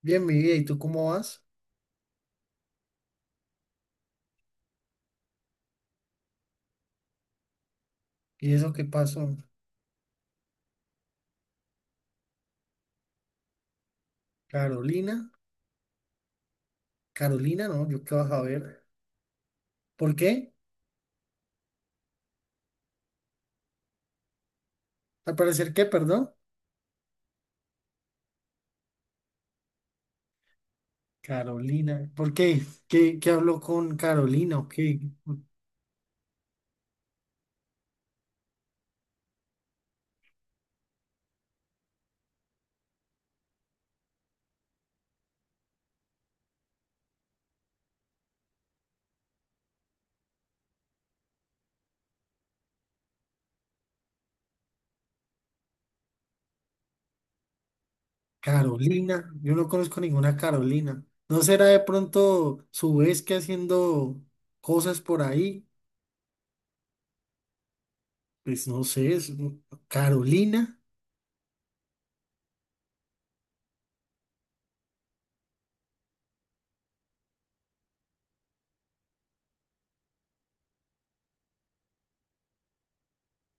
Bien, mi vida, ¿y tú cómo vas? ¿Y eso qué pasó? Carolina, Carolina, no, yo qué vas a ver. ¿Por qué? Al parecer, ¿qué, perdón? Carolina, ¿por qué? ¿Qué, qué habló con Carolina o qué? Carolina, yo no conozco ninguna Carolina. ¿No será de pronto su vez que haciendo cosas por ahí? Pues no sé, Carolina.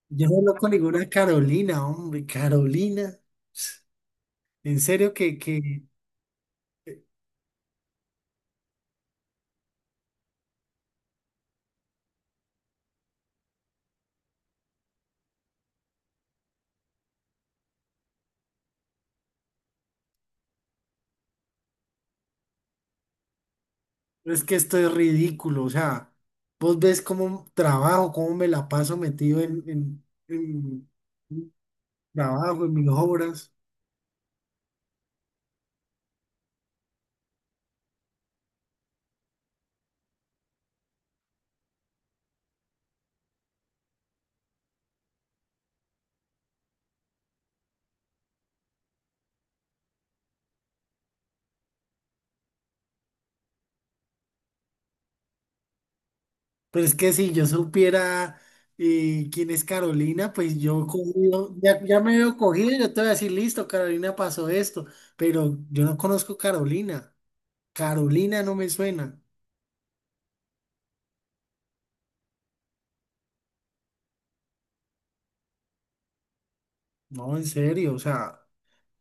Yo no conozco ninguna Carolina, hombre, Carolina. En serio que es que esto es ridículo, o sea, vos ves cómo trabajo, cómo me la paso metido en mi trabajo, en mis obras. Pero es que si yo supiera quién es Carolina, pues yo cogido, ya me veo cogido, yo te voy a decir, listo, Carolina pasó esto, pero yo no conozco Carolina. Carolina no me suena. No, en serio, o sea.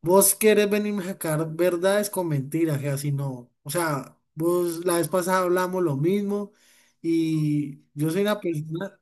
Vos querés venir a sacar verdades con mentiras, que así no. O sea, vos la vez pasada hablamos lo mismo y yo soy una persona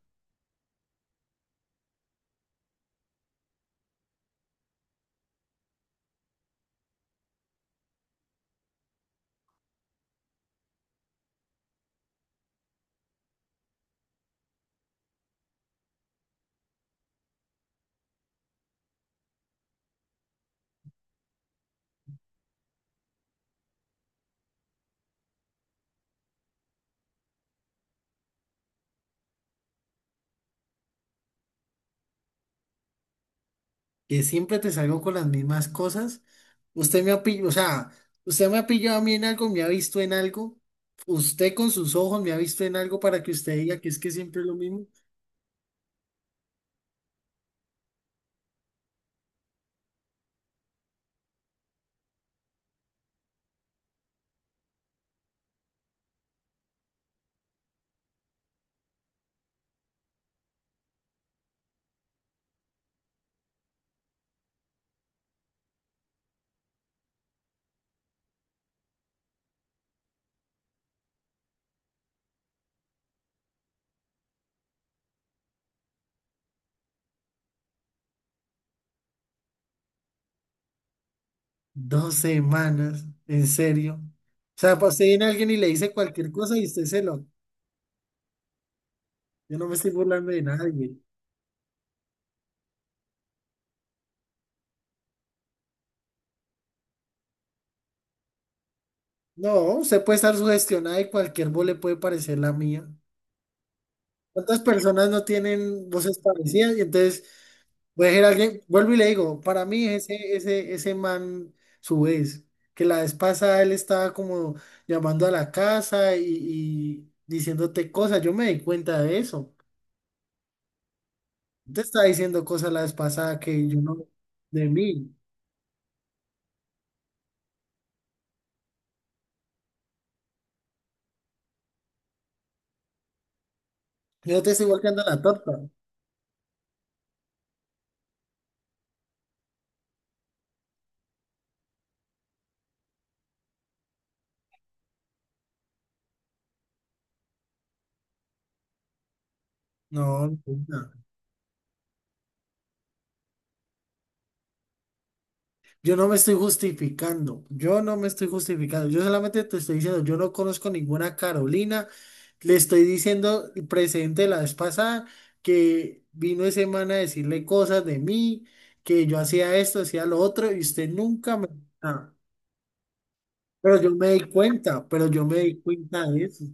que siempre te salgo con las mismas cosas. Usted me ha pillado, o sea, usted me ha pillado a mí en algo, me ha visto en algo. Usted con sus ojos me ha visto en algo para que usted diga que es que siempre es lo mismo. Dos semanas, en serio. O sea, usted viene a alguien y le dice cualquier cosa y usted se lo. Yo no me estoy burlando de nadie. No, usted puede estar sugestionada y cualquier voz le puede parecer la mía. ¿Cuántas personas no tienen voces parecidas? Y entonces, voy a decir a alguien, vuelvo y le digo, para mí ese man, su vez, que la vez pasada él estaba como llamando a la casa y diciéndote cosas, yo me di cuenta de eso. Te estaba diciendo cosas la vez pasada que yo no, de mí. Yo no te estoy volteando la torta. No, no. No. Yo no me estoy justificando, yo no me estoy justificando, yo solamente te estoy diciendo, yo no conozco ninguna Carolina, le estoy diciendo el presente la vez pasada que vino ese man a decirle cosas de mí, que yo hacía esto, hacía lo otro, y usted nunca me... Ah, pero yo me di cuenta, pero yo me di cuenta de eso.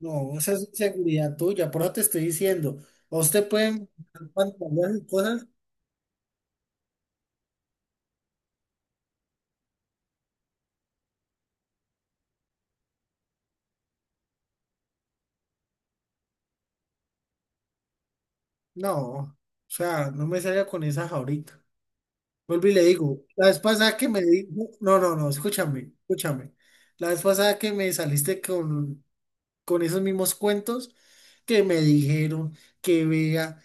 No, esa es inseguridad tuya, por eso te estoy diciendo, ¿a usted pueden pantalones y cosas? No, o sea, no me salga con esas ahorita. Vuelvo y le digo, la vez pasada que me di, no, escúchame, escúchame. La vez pasada que me saliste con esos mismos cuentos que me dijeron que vea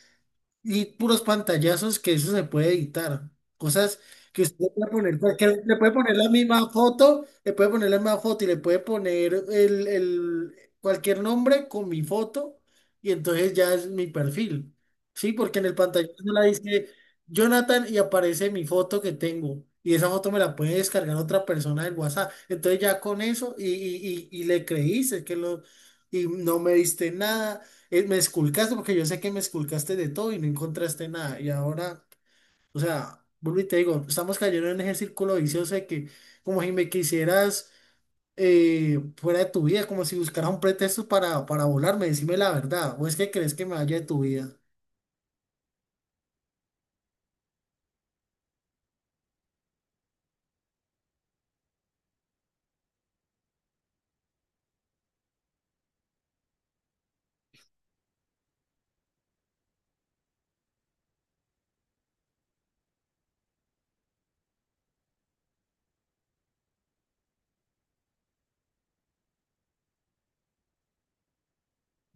y puros pantallazos que eso se puede editar. Cosas que usted le puede poner, le puede poner la misma foto, le puede poner la misma foto y le puede poner el, cualquier nombre con mi foto y entonces ya es mi perfil. Sí, porque en el pantallazo no la dice Jonathan y aparece mi foto que tengo. Y esa foto me la puede descargar otra persona del WhatsApp. Entonces ya con eso y le creíste que lo... Y no me diste nada me esculcaste porque yo sé que me esculcaste de todo y no encontraste nada. Y ahora, o sea, vuelvo y te digo, estamos cayendo en ese círculo vicioso de que como si me quisieras fuera de tu vida, como si buscaras un pretexto para volarme, decime la verdad. ¿O es que crees que me vaya de tu vida?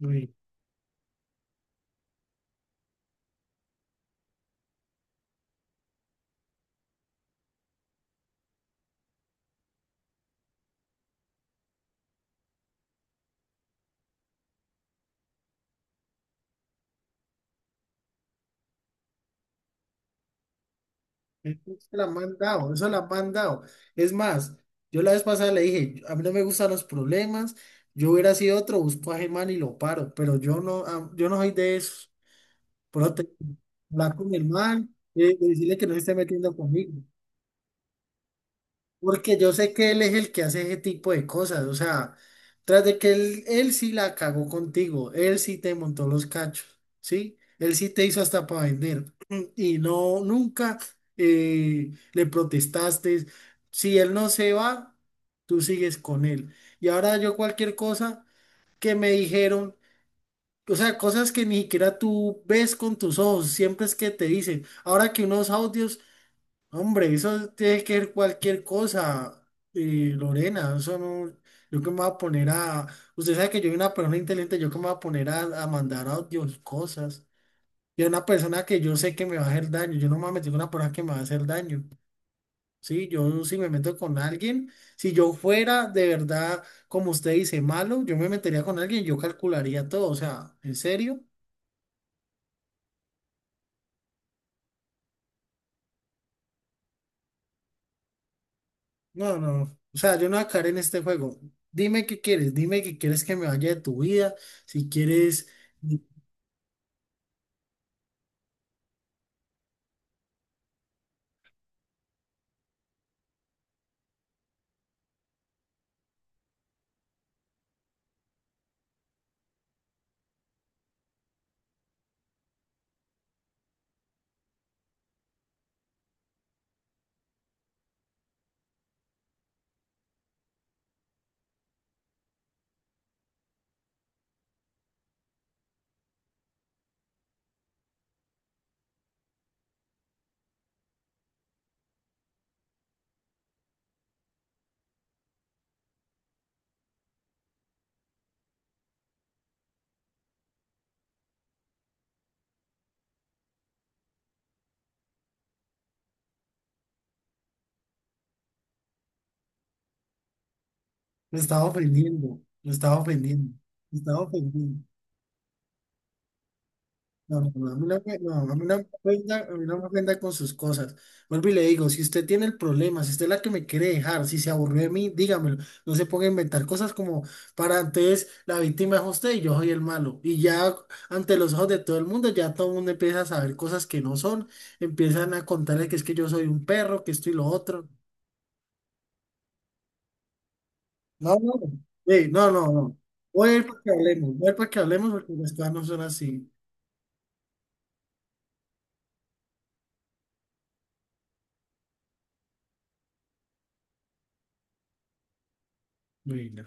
Uy, eso se la han mandado, eso la han mandado. Es más, yo la vez pasada le dije, a mí no me gustan los problemas, yo hubiera sido otro, busco a Germán y lo paro, pero yo no, ah, yo no soy de eso. Prote, hablar con mi hermano, decirle que no se esté metiendo conmigo. Porque yo sé que él es el que hace ese tipo de cosas. O sea, tras de que él sí la cagó contigo, él sí te montó los cachos, ¿sí? Él sí te hizo hasta para vender. Y no, nunca le protestaste. Si él no se va, tú sigues con él. Y ahora yo cualquier cosa que me dijeron. O sea, cosas que ni siquiera tú ves con tus ojos, siempre es que te dicen. Ahora que unos audios, hombre, eso tiene que ser cualquier cosa, Lorena, eso no, yo que me voy a poner a, usted sabe que yo soy una persona inteligente, yo que me voy a poner a mandar audios, cosas. Y a una persona que yo sé que me va a hacer daño, yo no me voy a meter con una persona que me va a hacer daño. Sí, yo si me meto con alguien, si yo fuera de verdad, como usted dice, malo, yo me metería con alguien, yo calcularía todo, o sea, en serio. No, no. No. O sea, yo no voy a caer en este juego. Dime qué quieres, dime que quieres que me vaya de tu vida. Si quieres, me estaba ofendiendo, me estaba ofendiendo, me estaba ofendiendo. No, no, no, a mí no, no, a mí no me ofenda, a mí no me ofenda con sus cosas. Vuelvo y le digo, si usted tiene el problema, si usted es la que me quiere dejar, si se aburrió de mí, dígamelo. No se ponga a inventar cosas como para antes la víctima es usted y yo soy el malo. Y ya ante los ojos de todo el mundo, ya todo el mundo empieza a saber cosas que no son. Empiezan a contarle que es que yo soy un perro, que esto y lo otro. No, no, no, no, no. Voy a ir para que hablemos, voy a ir para que hablemos porque las cosas no son así. Bueno.